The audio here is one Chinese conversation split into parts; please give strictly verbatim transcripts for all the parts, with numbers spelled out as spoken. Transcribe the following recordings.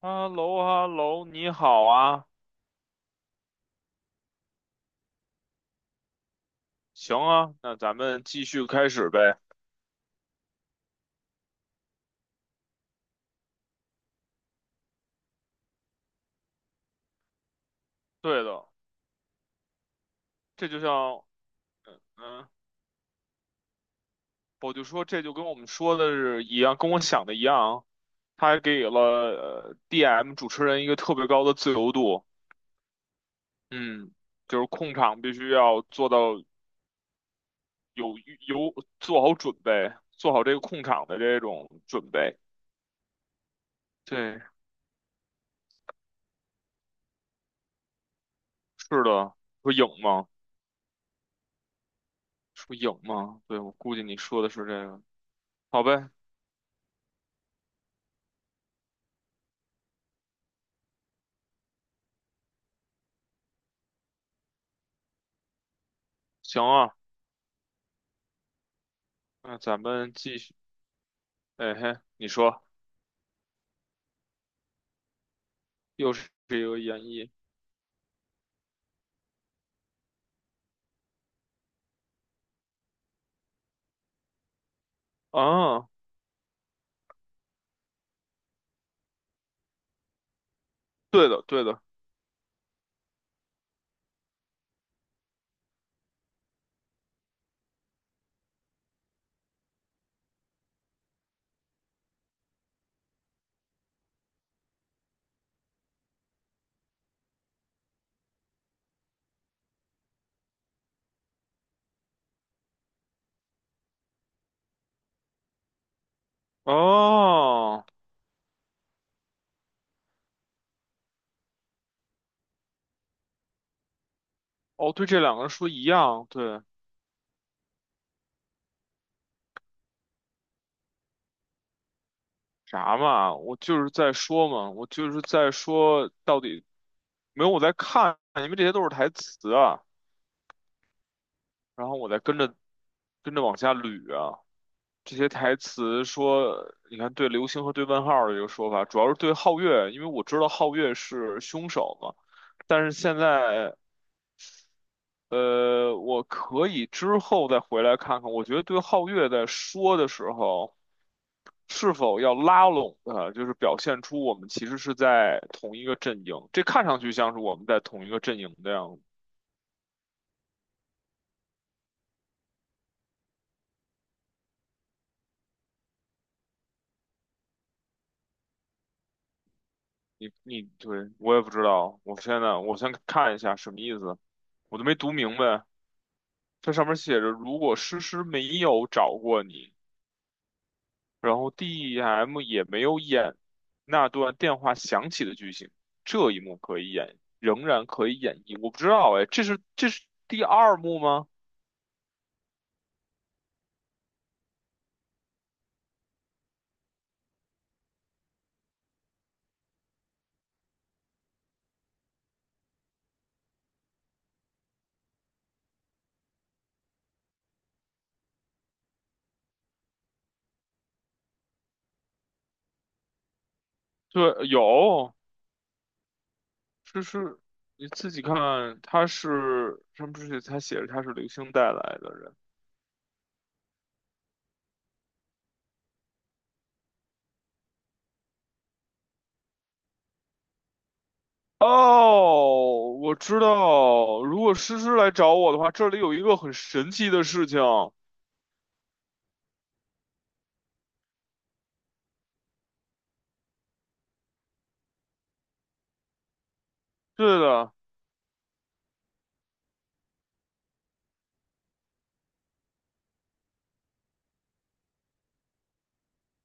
哈喽哈喽，你好啊，行啊，那咱们继续开始呗。对的，这就像，嗯，我就说这就跟我们说的是一样，跟我想的一样，他还给了呃 D M 主持人一个特别高的自由度。嗯，就是控场必须要做到有有做好准备，做好这个控场的这种准备。对，是的，说影吗？说影吗？对，我估计你说的是这个。好呗，行啊。那咱们继续，哎嘿，你说又是一个演绎啊？对的，对的。哦，哦，对，这两个人说一样，对。啥嘛？我就是在说嘛，我就是在说到底没有，我在看，因为这些都是台词啊，然后我在跟着跟着往下捋啊。这些台词说，你看对流星和对问号的一个说法，主要是对皓月，因为我知道皓月是凶手嘛。但是现在呃，我可以之后再回来看看。我觉得对皓月在说的时候，是否要拉拢他，就是表现出我们其实是在同一个阵营。这看上去像是我们在同一个阵营的样子。你你对我也不知道，我现在我先看一下什么意思，我都没读明白。这上面写着，如果诗诗没有找过你。然后 d m 也没有演那段电话响起的剧情，这一幕可以演，仍然可以演绎。我不知道哎，这是这是第二幕吗？对，有，这是你自己看，他是上面是他写着他是流星带来的人。哦，我知道，如果诗诗来找我的话，这里有一个很神奇的事情。对的，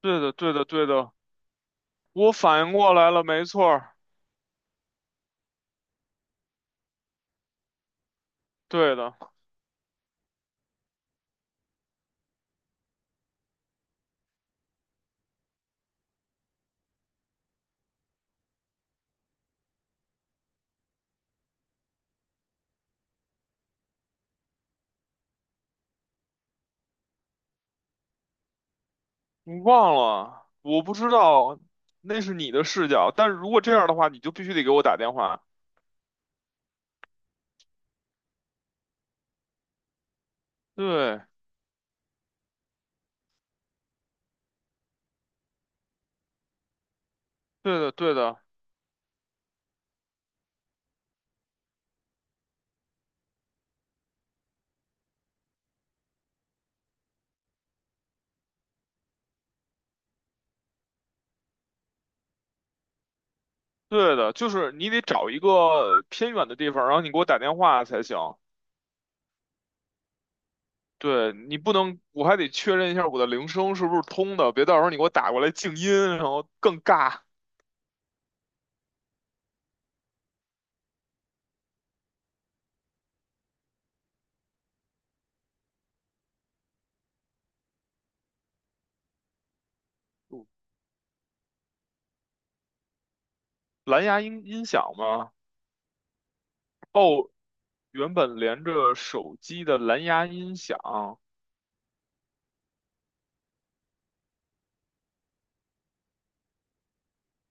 对的，对的，对的，我反应过来了，没错儿，对的。你忘了？我不知道，那是你的视角。但是如果这样的话，你就必须得给我打电话。对，对的，对的，对的，就是你得找一个偏远的地方，然后你给我打电话才行。对，你不能，我还得确认一下我的铃声是不是通的，别到时候你给我打过来静音，然后更尬。哦，蓝牙音音响吗？哦，原本连着手机的蓝牙音响。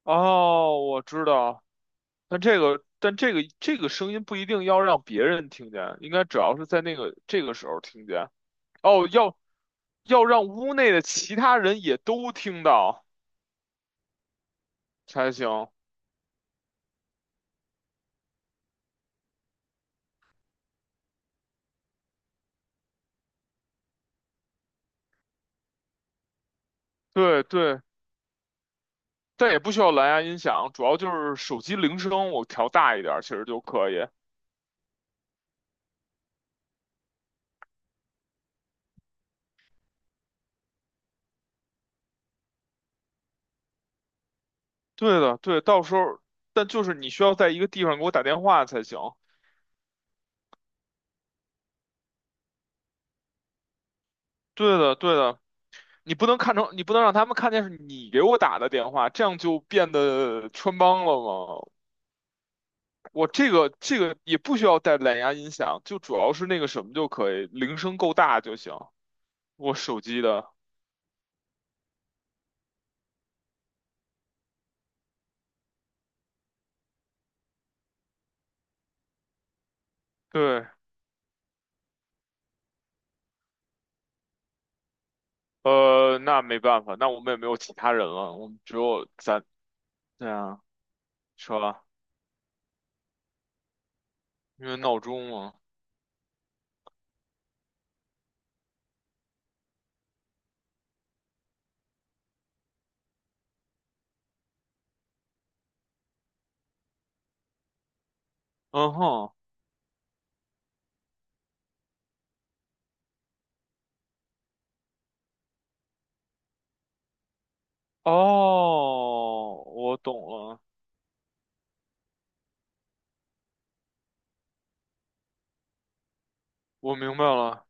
哦，我知道。但这个，但这个这个声音不一定要让别人听见，应该主要是在那个这个时候听见。哦，要要让屋内的其他人也都听到才行。对对，但也不需要蓝牙音响，主要就是手机铃声我调大一点儿，其实就可以。对的，对，到时候，但就是你需要在一个地方给我打电话才行。对的，对的，你不能看成，你不能让他们看见是你给我打的电话，这样就变得穿帮了嘛。我这个这个也不需要带蓝牙音响，就主要是那个什么就可以，铃声够大就行。我手机的，对，呃，那没办法，那我们也没有其他人了，我们只有咱，对啊，是吧？因为闹钟嘛，嗯哼，哦，我懂了，我明白了。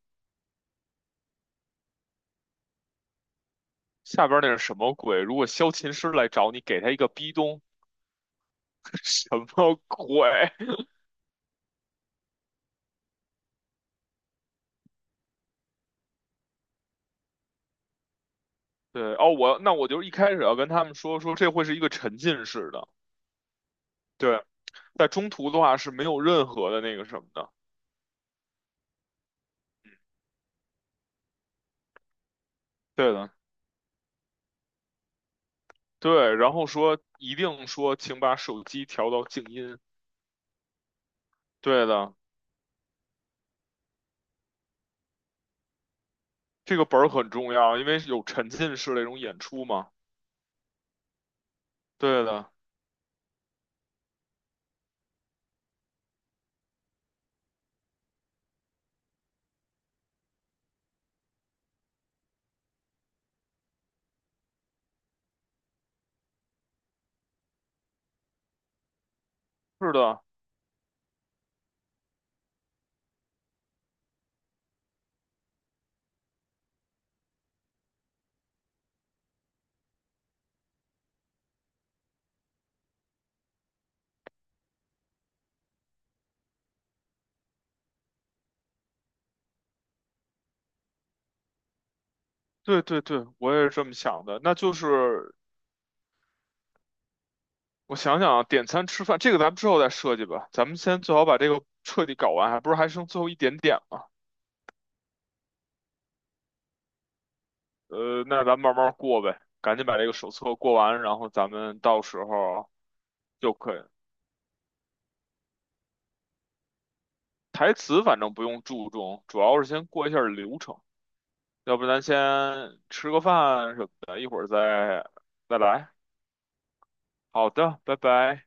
下边那是什么鬼？如果萧琴师来找你，给他一个逼咚，什么鬼？对，哦，我那我就一开始要跟他们说说，这会是一个沉浸式的。对。在中途的话是没有任何的那个什么的。对的，对，然后说一定说，请把手机调到静音。对的，这个本儿很重要，因为有沉浸式那种演出嘛。对的，是的，对对对，我也是这么想的。那就是我想想啊，点餐吃饭这个咱们之后再设计吧，咱们先最好把这个彻底搞完，还不是还剩最后一点点嘛。呃，那咱们慢慢过呗，赶紧把这个手册过完，然后咱们到时候就可以。台词反正不用注重，主要是先过一下流程。要不咱先吃个饭什么的，一会儿再再来。好的，拜拜。